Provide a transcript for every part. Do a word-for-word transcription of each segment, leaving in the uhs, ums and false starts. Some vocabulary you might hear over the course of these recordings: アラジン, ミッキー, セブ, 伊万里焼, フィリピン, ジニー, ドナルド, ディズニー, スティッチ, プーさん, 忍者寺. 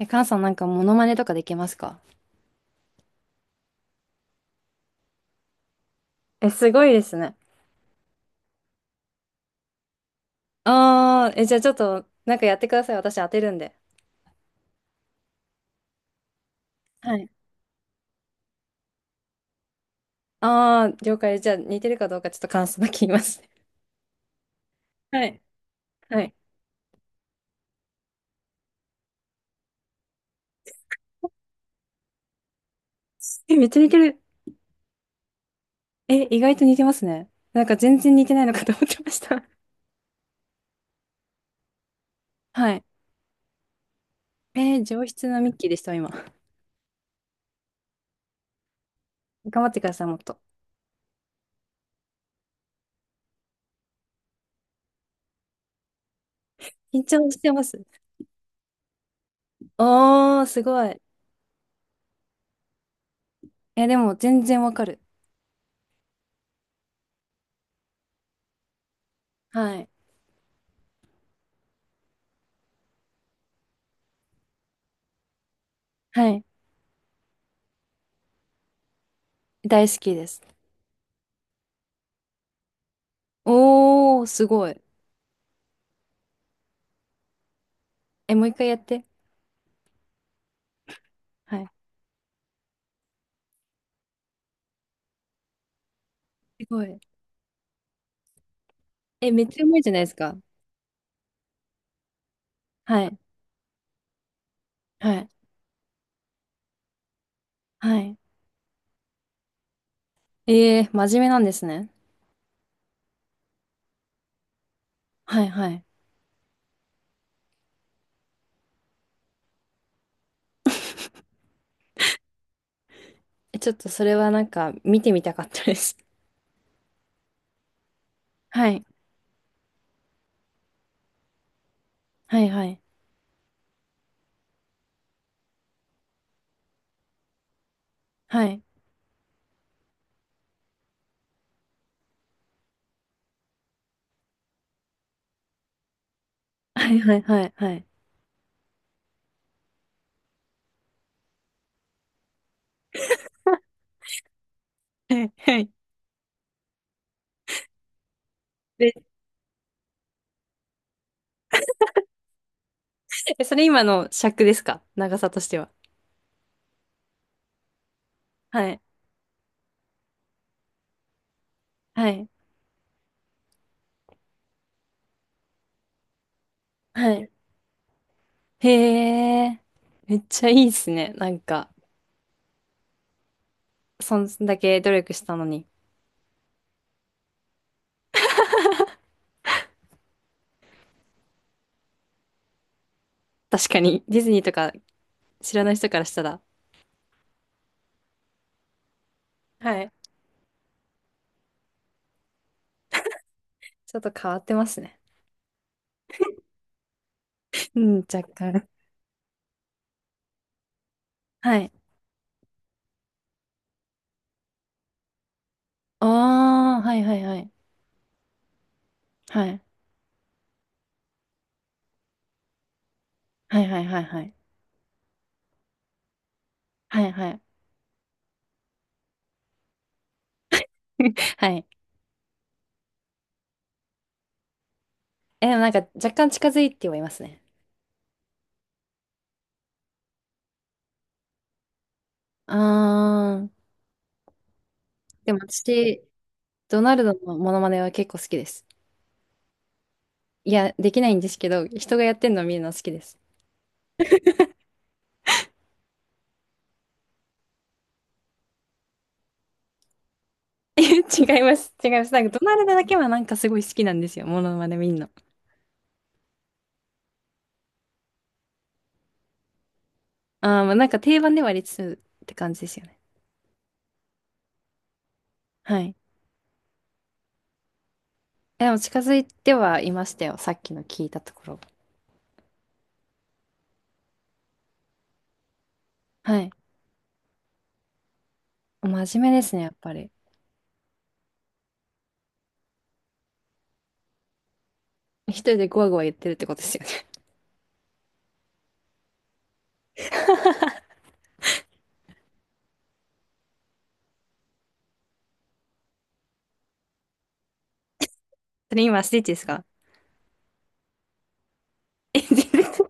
え、カンさんなんかモノマネとかできますか？え、すごいですね。ああー、え、じゃあちょっと、なんかやってください。私当てるんで。はい。ああ、了解。じゃあ似てるかどうかちょっと感想だけ言いますね。はい。はい。え、めっちゃ似てる。え、意外と似てますね。なんか全然似てないのかと思ってました。はい。えー上質なミッキーでした、今。頑張ってください、もっと。緊張してます。おー、すごい。え、でも全然わかる。はい。はい。大好きです。おー、すごい。え、もう一回やって。はい、すごい。え、めっちゃうまいじゃないですか。はい。はい。はい。ええ真面目なんですね。はい、はい。え、ちょっとそれはなんか見てみたかったです。はい。はい、はい。はい。はい、はい、はい。はい。はいはい。で、え、それ今の尺ですか？長さとしては。はい。はい。はい。へえ。めっちゃいいですね。なんか、そんだけ努力したのに。確かに、ディズニーとか知らない人からしたら。はい。ちょっと変わってますね。うん、若干。はい。ああ、はいはいはい。はい。はいはいはいはい。はいはい。はい。え、でもなんか若干近づいてはいますね。ああ、でも私、ドナルドのモノマネは結構好きです。いや、できないんですけど、人がやってんのを見るのは好きです。違います。違います。なんかドナルドだけはなんかすごい好きなんですよ。モノマネ見んの。あー、まあ、なんか定番ではありつつって感じですよね。はい。えでも近づいてはいましたよ。さっきの聞いたところ。はい。真面目ですね、やっぱり。一人でゴワゴワ言ってるってことですよね。それ今スティッチですか？え全然違う。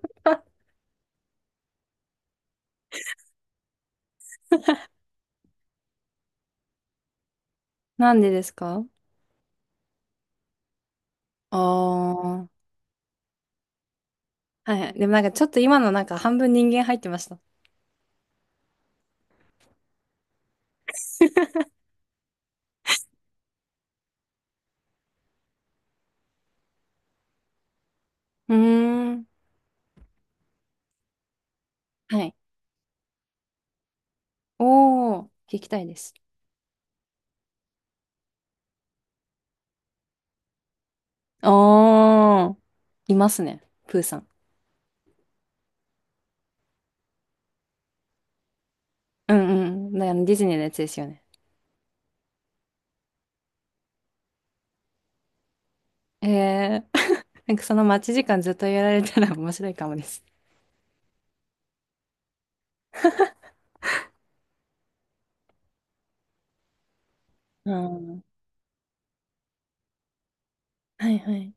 なんでですか？ああー。はいはい。でもなんかちょっと今のなんか半分人間入ってました。うーん。はい。おー、聞きたいです。あー。いますね。プーさん。うんうん。だからディズニーのやつですよね。ええー。なんかその待ち時間ずっとやられたら面白いかもです。うん。はいはい。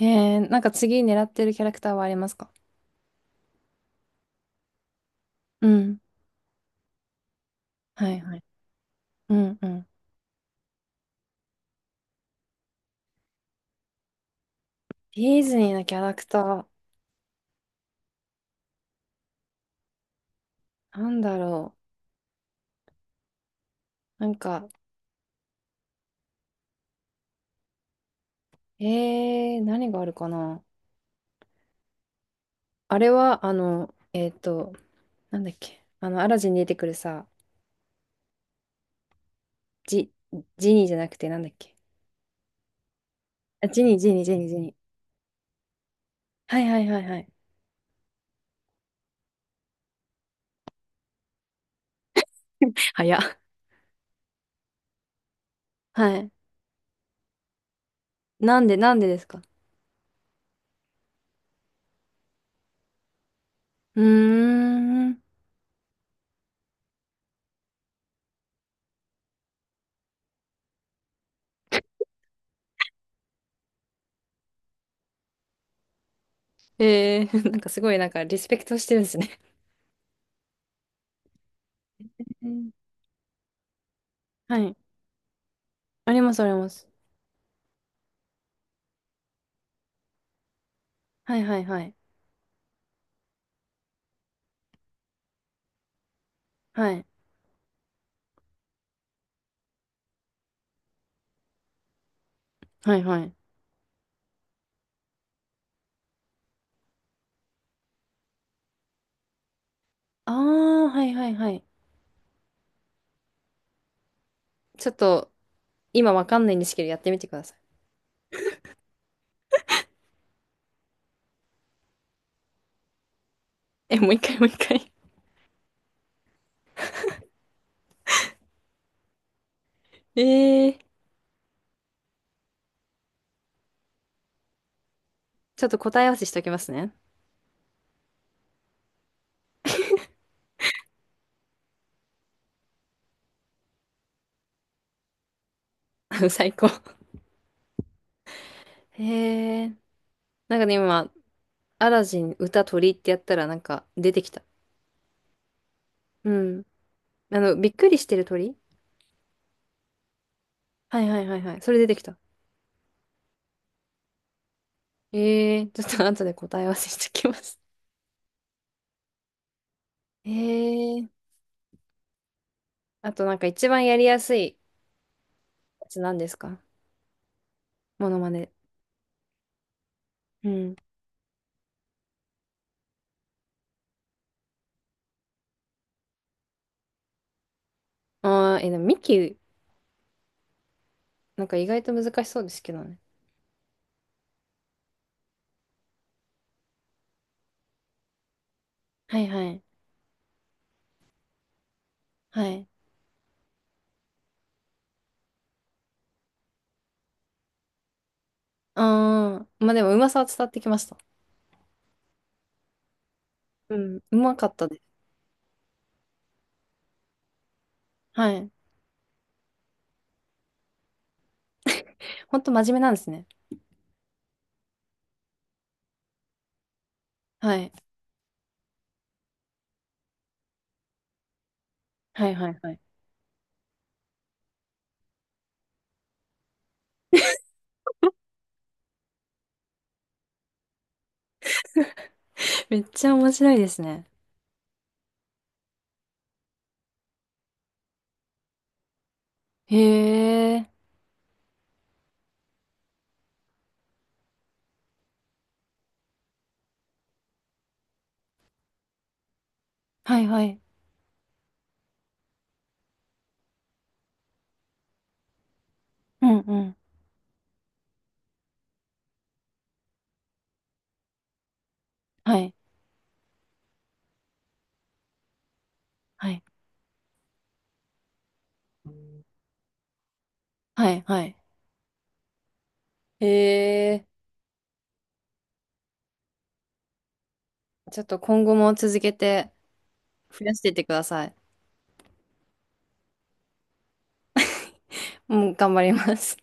ええー、なんか次狙ってるキャラクターはありますか？うん。はいはい。うんうん。ディズニーのキャラクター、なんだろう。なんか、えー、何があるかな。あれは、あの、えっと、なんだっけ。あの、アラジンに出てくるさ、ジ、ジニーじゃなくて、なんだっけ。あ、ジニー、ジニー、ジニー、ジニー。はいはいはいはい。早っ。はい。なんで、なんでですか？うーん。えー、なんかすごい、なんか、リスペクトしてるんですね。うん、はい。あります、あります。はいはいはい。はい。はいはい。あー、はいはいはい。ちょっと、今わかんないんですけど、やってみてください。え、もう一回、もう一回。えー、ちょっと答え合わせしておきますね。最高。へー。なんかね、今、アラジン歌鳥ってやったらなんか出てきた。うん。あの、びっくりしてる鳥、はいはいはいはい。それ出てきた。えー、ちょっと後で答え合わせしてきます。えー。あとなんか一番やりやすいやつなんですか？モノマネ。うん。あー、え、でもミキ、なんか意外と難しそうですけどね。はいはい。はい。あー、まあでもうまさは伝わってきました。うん、うまかったです。はい。ほんと真面目なんですね。はい。はいはいはい。めっちゃ面白いですね。へえ。はいはい。うんうん。はい。はい。はいはい。へえ。ちょっと今後も続けて増やしていってください。もうん、頑張ります。